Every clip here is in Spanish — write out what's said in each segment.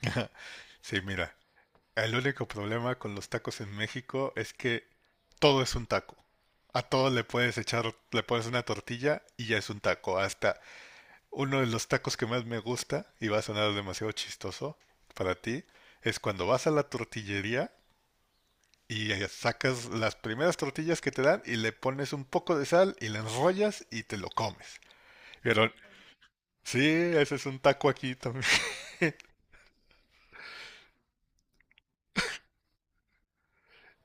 Sí, mira, el único problema con los tacos en México es que todo es un taco. A todo le puedes echar, le pones una tortilla y ya es un taco. Hasta uno de los tacos que más me gusta, y va a sonar demasiado chistoso para ti, es cuando vas a la tortillería y sacas las primeras tortillas que te dan y le pones un poco de sal y la enrollas y te lo comes. Pero sí, ese es un taco aquí también.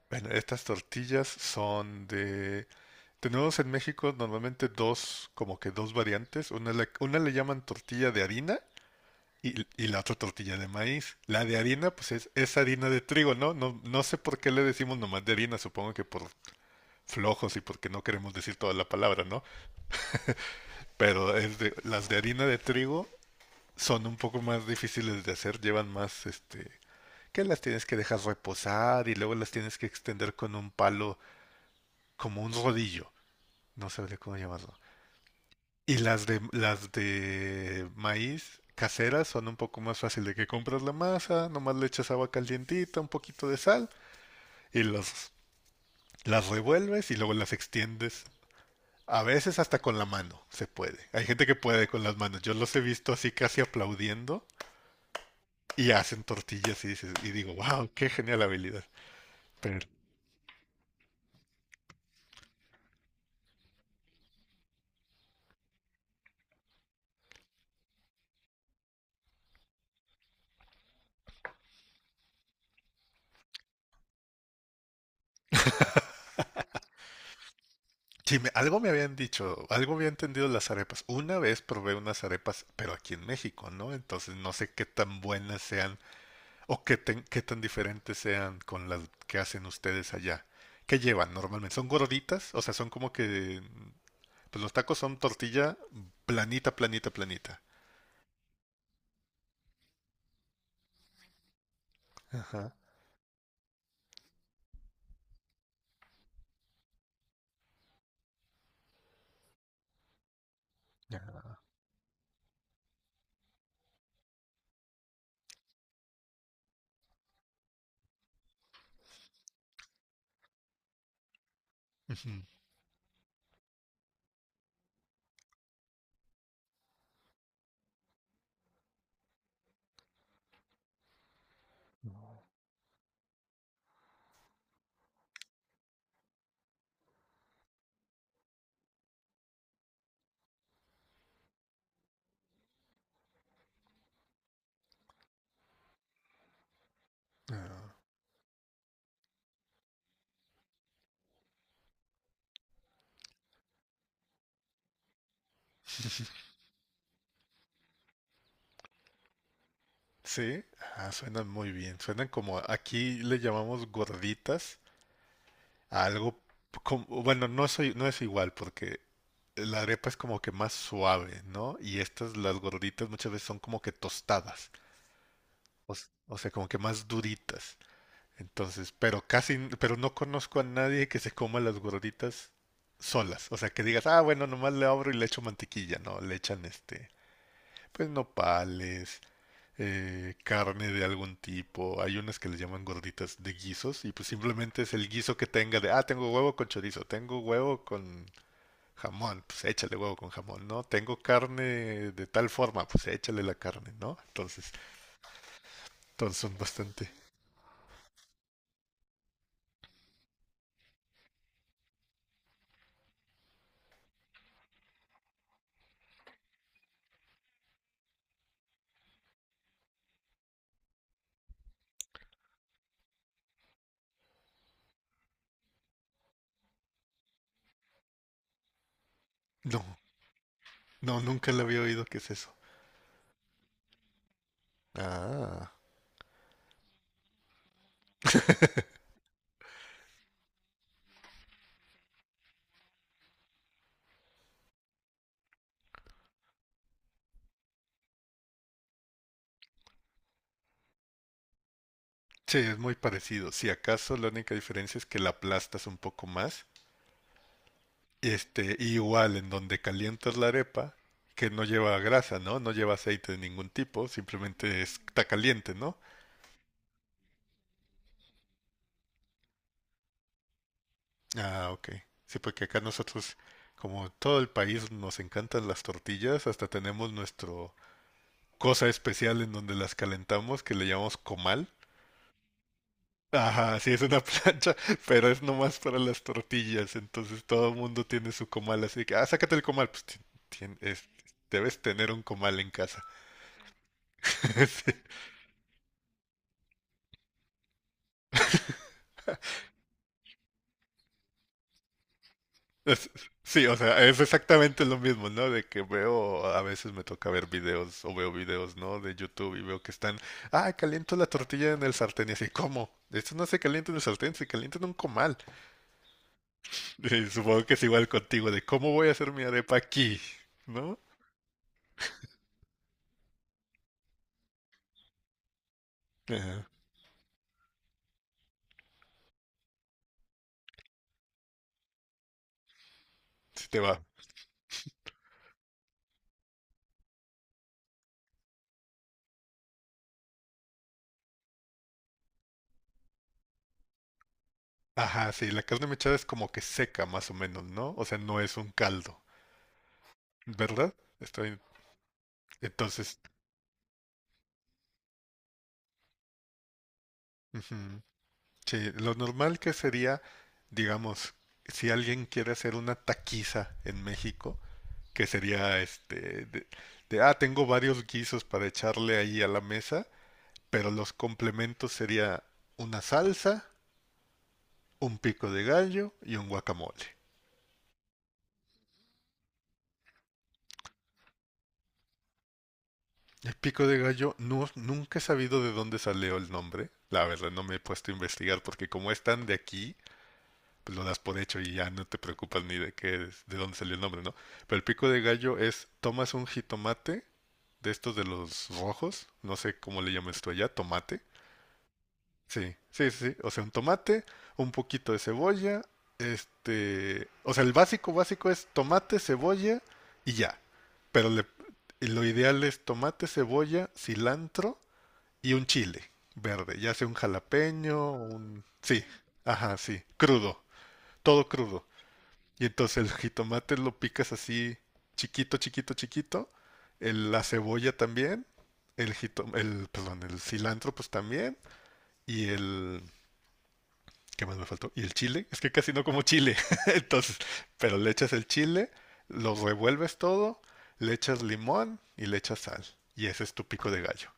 Bueno, estas tortillas son de. Tenemos en México normalmente dos, como que dos variantes. Una le llaman tortilla de harina y la otra tortilla de maíz. La de harina, pues es harina de trigo, ¿no? ¿No? No sé por qué le decimos nomás de harina, supongo que por flojos y porque no queremos decir toda la palabra, ¿no? Pero las de harina de trigo son un poco más difíciles de hacer, llevan más, este, que las tienes que dejar reposar y luego las tienes que extender con un palo, como un rodillo. No sabría cómo llamarlo. Y las de maíz caseras son un poco más fácil de que compras la masa, nomás le echas agua calientita, un poquito de sal y los, las revuelves y luego las extiendes. A veces hasta con la mano se puede. Hay gente que puede con las manos. Yo los he visto así casi aplaudiendo y hacen tortillas y digo, wow, qué genial habilidad. Pero sí, algo me habían dicho, algo había entendido de las arepas. Una vez probé unas arepas, pero aquí en México, ¿no? Entonces no sé qué tan buenas sean. ¿O qué tan diferentes sean con las que hacen ustedes allá? ¿Qué llevan normalmente? ¿Son gorditas? O sea, son como que... Pues los tacos son tortilla planita, planita, planita. Ajá. Ya. Ujú. Sí, ah, suenan muy bien. Suenan como aquí le llamamos gorditas a algo como, bueno, no es igual porque la arepa es como que más suave, ¿no? Y estas, las gorditas, muchas veces son como que tostadas, o sea, como que más duritas. Entonces, pero casi, pero no conozco a nadie que se coma las gorditas solas. O sea, que digas, ah, bueno, nomás le abro y le echo mantequilla. No, le echan este, pues nopales, carne de algún tipo. Hay unas que les llaman gorditas de guisos y pues simplemente es el guiso que tenga de, ah, tengo huevo con chorizo, tengo huevo con jamón, pues échale huevo con jamón, ¿no? Tengo carne de tal forma, pues échale la carne, ¿no? Entonces, todos son bastante... No, no, nunca le había oído qué es eso. Ah. Sí, es muy parecido. Si acaso la única diferencia es que la aplastas un poco más. Este, igual en donde calientas la arepa, que no lleva grasa, ¿no? No lleva aceite de ningún tipo, simplemente está caliente, ¿no? Ah, ok. Sí, porque acá nosotros, como todo el país, nos encantan las tortillas, hasta tenemos nuestro cosa especial en donde las calentamos que le llamamos comal. Ajá, sí, es una plancha, pero es nomás para las tortillas, entonces todo el mundo tiene su comal, así que, ah, sácate el comal, tien- es- debes tener un comal en casa. Sí, es- sí, o sea, es exactamente lo mismo, ¿no? A veces me toca ver videos o veo videos, ¿no? De YouTube y veo que están, ah, caliento la tortilla en el sartén y así, ¿cómo? Esto no se calienta en el sartén, se calienta en un comal. Y supongo que es igual contigo, de cómo voy a hacer mi arepa aquí, ¿no? Ajá. Sí te va. Ajá, sí, la carne mechada es como que seca más o menos, ¿no? O sea, no es un caldo, ¿verdad? Estoy... Entonces, ujú, sí, lo normal que sería, digamos, si alguien quiere hacer una taquiza en México, que sería este, ah, tengo varios guisos para echarle ahí a la mesa, pero los complementos sería una salsa, un pico de gallo y un guacamole. El pico de gallo, no, nunca he sabido de dónde salió el nombre. La verdad, no me he puesto a investigar porque como están de aquí, pues lo das por hecho y ya no te preocupas ni de de dónde salió el nombre, ¿no? Pero el pico de gallo es, tomas un jitomate de estos de los rojos, no sé cómo le llamas tú allá, tomate. Sí, sí, sí, sí. O sea, un tomate, un poquito de cebolla, este, o sea, el básico básico es tomate, cebolla y ya. Pero lo ideal es tomate, cebolla, cilantro y un chile verde, ya sea un jalapeño, un... Sí, ajá, sí, crudo, todo crudo. Y entonces el jitomate lo picas así chiquito, chiquito, chiquito, la cebolla también, perdón, el cilantro pues también, y el... ¿Qué más me faltó? Y el chile, es que casi no como chile, entonces, pero le echas el chile, lo revuelves todo, le echas limón y le echas sal, y ese es tu pico de gallo.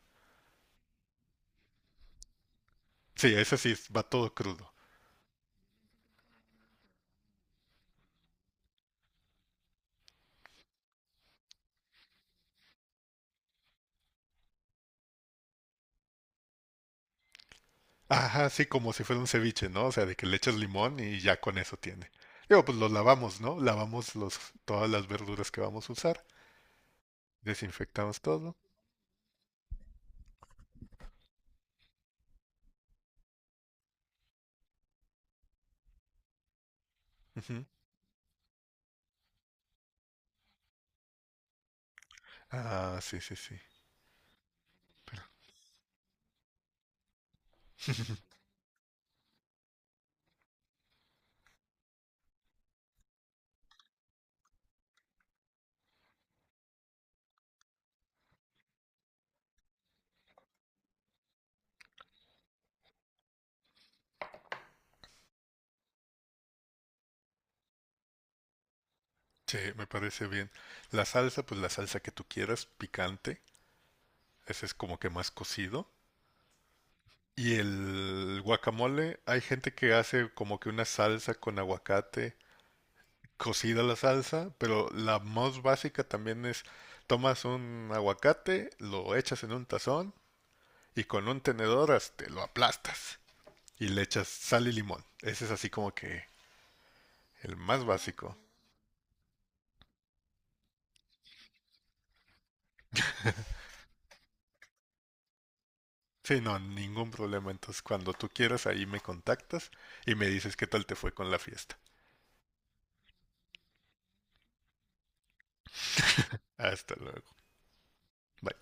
Sí, ese sí, va todo crudo. Ajá, sí, como si fuera un ceviche, ¿no? O sea, de que le echas limón y ya con eso tiene. Digo, pues los lavamos, ¿no? Todas las verduras que vamos a usar. Desinfectamos todo. Ujú. Ah, sí, sí, sí. Sí, me parece bien. La salsa, pues la salsa que tú quieras, picante. Ese es como que más cocido. Y el guacamole, hay gente que hace como que una salsa con aguacate cocida la salsa, pero la más básica también es tomas un aguacate, lo echas en un tazón y con un tenedor hasta lo aplastas y le echas sal y limón. Ese es así como que el más básico. Sí, no, ningún problema. Entonces, cuando tú quieras, ahí me contactas y me dices qué tal te fue con la fiesta. Hasta luego. Bye.